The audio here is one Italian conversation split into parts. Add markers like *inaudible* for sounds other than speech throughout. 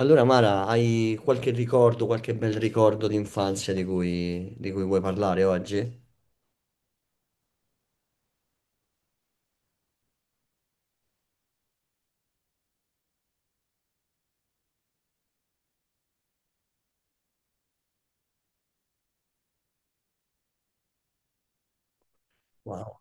Allora, Mara, hai qualche ricordo, qualche bel ricordo di infanzia di cui vuoi parlare oggi? Wow,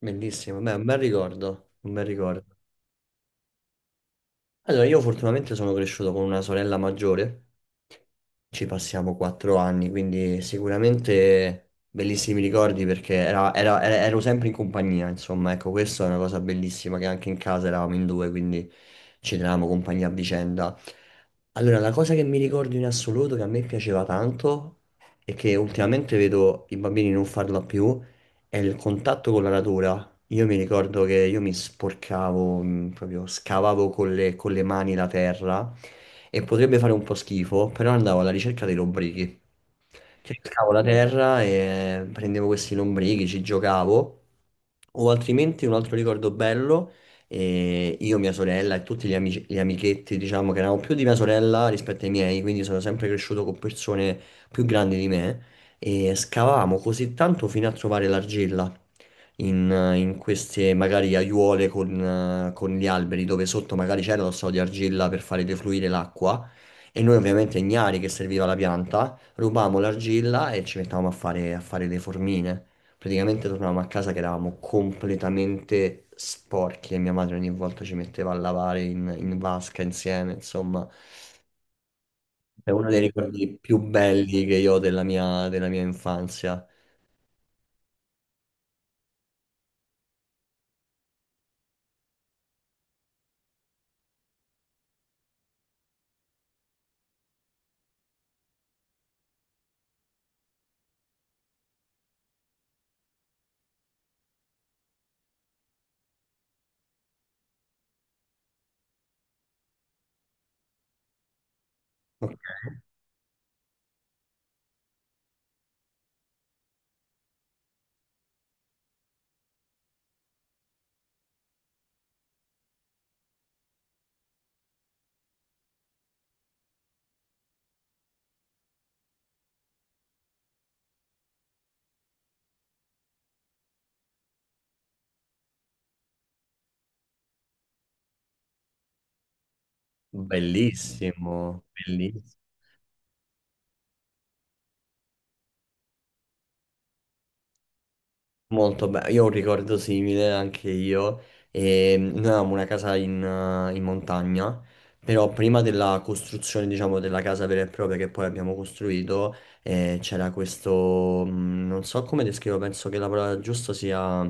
bellissimo, beh, un bel ricordo, un bel ricordo. Allora, io fortunatamente sono cresciuto con una sorella maggiore, ci passiamo 4 anni, quindi sicuramente bellissimi ricordi perché ero sempre in compagnia, insomma, ecco, questa è una cosa bellissima che anche in casa eravamo in due, quindi ci tenevamo compagnia a vicenda. Allora, la cosa che mi ricordo in assoluto, che a me piaceva tanto e che ultimamente vedo i bambini non farla più, è il contatto con la natura. Io mi ricordo che io mi sporcavo, proprio scavavo con le mani la terra e potrebbe fare un po' schifo, però andavo alla ricerca dei lombrichi. Cercavo la terra e prendevo questi lombrichi, ci giocavo. O altrimenti un altro ricordo bello, io, mia sorella e tutti gli amichetti, diciamo che erano più di mia sorella rispetto ai miei, quindi sono sempre cresciuto con persone più grandi di me, e scavavamo così tanto fino a trovare l'argilla in, in queste magari aiuole con con gli alberi dove sotto magari c'era lo strato di argilla per fare defluire l'acqua e noi ovviamente ignari che serviva la pianta rubavamo l'argilla e ci mettavamo a fare le formine. Praticamente tornavamo a casa che eravamo completamente sporchi e mia madre ogni volta ci metteva a lavare in vasca insieme, insomma. È uno dei ricordi più belli che io ho della mia infanzia. Ok. Bellissimo, bellissimo. Molto bene, io ho un ricordo simile anche io. E noi avevamo una casa in montagna, però prima della costruzione, diciamo, della casa vera e propria che poi abbiamo costruito, c'era questo, non so come descrivo, penso che la parola giusta sia,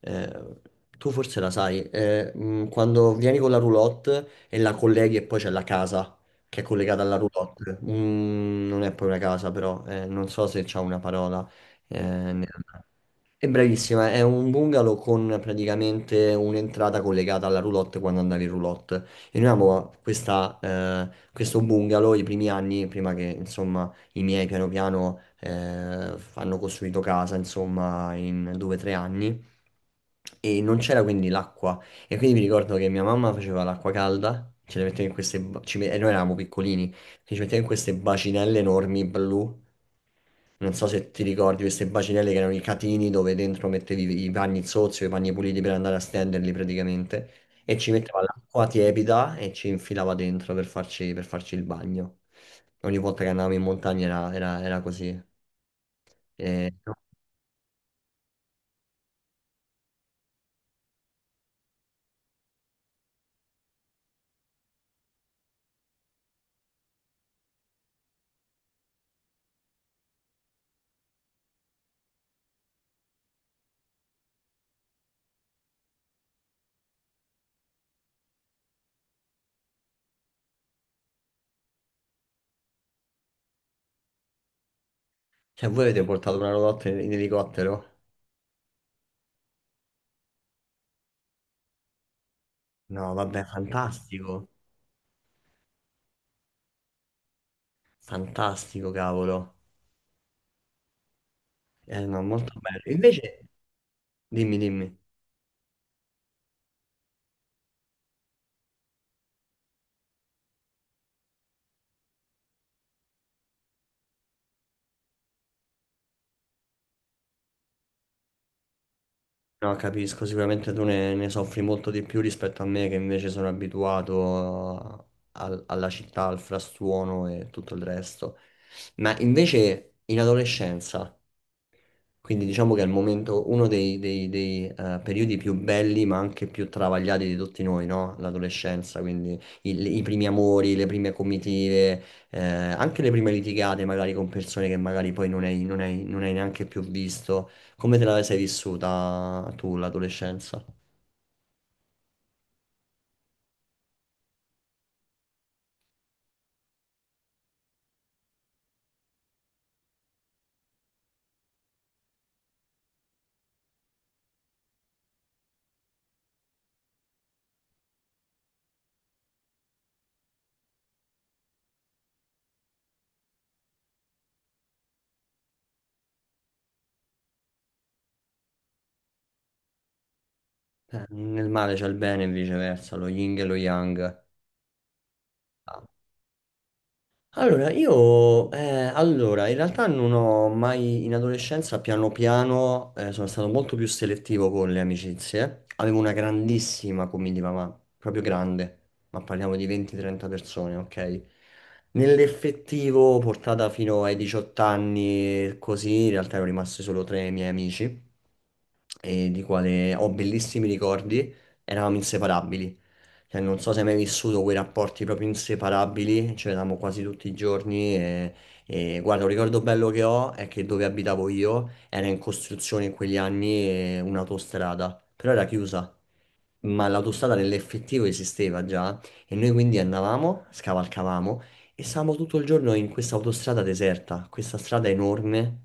eh, tu forse la sai, quando vieni con la roulotte e la colleghi e poi c'è la casa che è collegata alla roulotte. Mm, non è poi una casa, però, non so se c'è una parola. eh, nel- è bravissima, è un bungalow con praticamente un'entrata collegata alla roulotte quando andavi in roulotte. E noi avevamo questa, questo bungalow i primi anni, prima che insomma i miei piano piano hanno costruito casa, insomma, in 2 o 3 anni. E non c'era quindi l'acqua. E quindi mi ricordo che mia mamma faceva l'acqua calda, ce le metteva in queste... E noi eravamo piccolini, che ci metteva in queste bacinelle enormi blu. Non so se ti ricordi queste bacinelle che erano i catini dove dentro mettevi i panni sozzi o i panni puliti per andare a stenderli praticamente e ci metteva l'acqua tiepida e ci infilava dentro per farci il bagno. Ogni volta che andavamo in montagna era così. E- Cioè, voi avete portato una roulotte in elicottero? No, vabbè, fantastico, fantastico, cavolo. No, molto bello. Invece, dimmi, dimmi. No, capisco, sicuramente tu ne soffri molto di più rispetto a me che invece sono abituato alla città, al frastuono e tutto il resto. Ma invece in adolescenza. Quindi diciamo che è il momento, dei, periodi più belli ma anche più travagliati di tutti noi, no? L'adolescenza, quindi i primi amori, le prime comitive, anche le prime litigate magari con persone che magari poi non hai, non hai- non hai neanche più visto. Come te la sei vissuta tu l'adolescenza? Nel male c'è il bene e viceversa, lo yin e lo yang. Allora, in realtà non ho mai in adolescenza piano piano sono stato molto più selettivo con le amicizie. Avevo una grandissima comitiva, ma proprio grande, ma parliamo di 20-30 persone, ok? Nell'effettivo, portata fino ai 18 anni, così, in realtà ero rimasto solo tre miei amici e di quale ho bellissimi ricordi, eravamo inseparabili. Cioè, non so se hai mai vissuto quei rapporti proprio inseparabili, ci vedevamo quasi tutti i giorni e guarda, un ricordo bello che ho è che dove abitavo io era in costruzione in quegli anni un'autostrada, però era chiusa ma l'autostrada nell'effettivo esisteva già e noi quindi andavamo, scavalcavamo e stavamo tutto il giorno in questa autostrada deserta, questa strada enorme,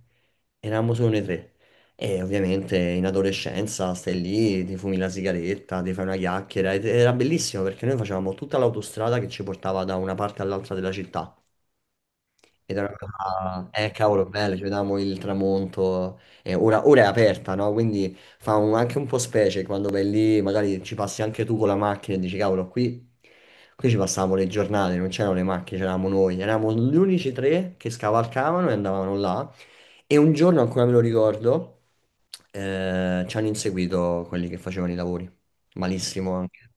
eravamo solo noi tre. E ovviamente in adolescenza stai lì, ti fumi la sigaretta, ti fai una chiacchiera ed era bellissimo perché noi facevamo tutta l'autostrada che ci portava da una parte all'altra della città. Ed era una cosa, cavolo, bello, ci vedevamo il tramonto, ora è aperta, no? Quindi anche un po' specie quando vai lì, magari ci passi anche tu con la macchina e dici, cavolo, qui, qui ci passavamo le giornate, non c'erano le macchine, c'eravamo noi, eravamo gli unici tre che scavalcavano e andavano là, e un giorno, ancora me lo ricordo, ci hanno inseguito quelli che facevano i lavori, malissimo anche,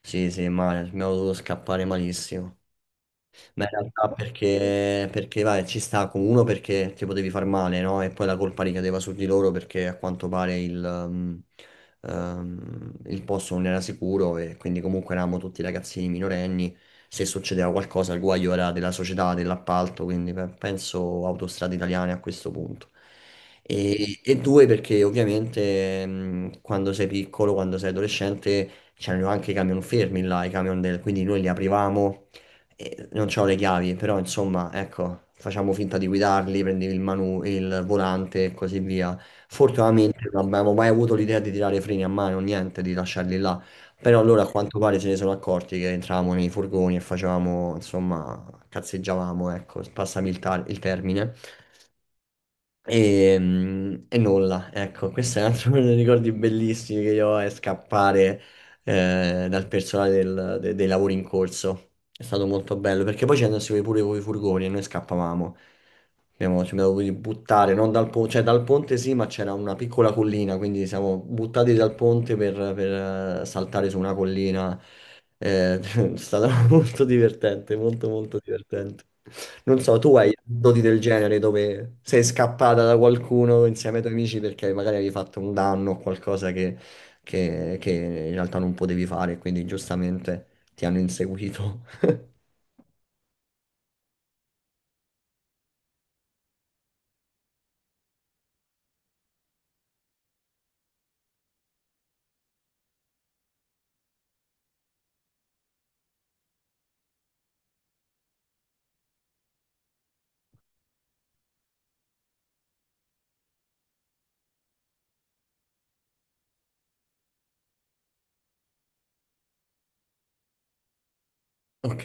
sì sì, male, abbiamo dovuto scappare malissimo. Ma in realtà perché, perché, vai, ci sta con uno perché ti potevi far male, no? E poi la colpa ricadeva su di loro perché a quanto pare il posto non era sicuro e quindi comunque eravamo tutti ragazzini minorenni. Se succedeva qualcosa, il guaio era della società, dell'appalto, quindi penso Autostrade Italiane a questo punto. E due perché ovviamente quando sei piccolo, quando sei adolescente, c'erano anche i camion fermi là, i camion del... quindi noi li aprivamo e non c'ho le chiavi, però insomma, ecco, facciamo finta di guidarli, prendevi il il volante e così via. Fortunatamente non abbiamo mai avuto l'idea di tirare i freni a mano, niente, di lasciarli là. Però allora a quanto pare se ne sono accorti che entravamo nei furgoni e facevamo, insomma, cazzeggiavamo, ecco, passami il termine. E nulla, ecco, *laughs* questo è un altro *laughs* dei ricordi bellissimi che io ho, è scappare dal personale dei lavori in corso. È stato molto bello, perché poi ci andassimo pure con i furgoni e noi scappavamo. Abbiamo, ci abbiamo dovuti buttare, non dal ponte, cioè dal ponte sì, ma c'era una piccola collina, quindi siamo buttati dal ponte saltare su una collina. *laughs* È stato *laughs* molto divertente, molto molto divertente. Non so, tu hai doti del genere dove sei scappata da qualcuno insieme ai tuoi amici perché magari avevi fatto un danno o qualcosa che, che in realtà non potevi fare, quindi giustamente ti hanno inseguito. *laughs* Ok.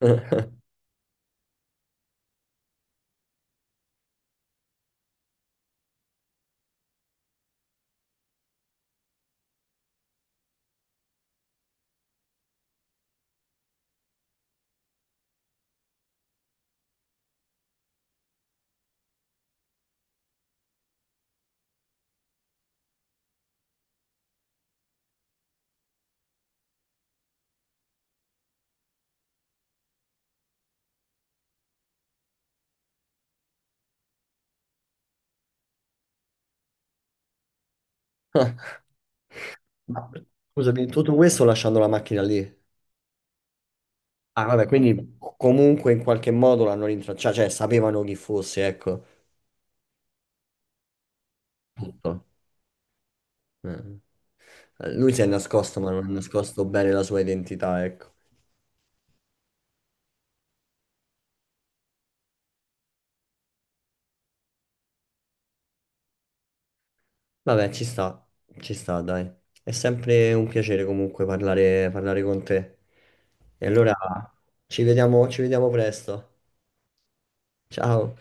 *laughs* Ma, scusami, tutto questo lasciando la macchina lì. Ah, vabbè, quindi comunque in qualche modo l'hanno rintracciata, sapevano chi fosse, ecco, tutto. Eh. Lui si è nascosto, ma non ha nascosto bene la sua identità, ecco. Vabbè, ci sta, dai. È sempre un piacere comunque parlare con te. E allora ci vediamo presto. Ciao.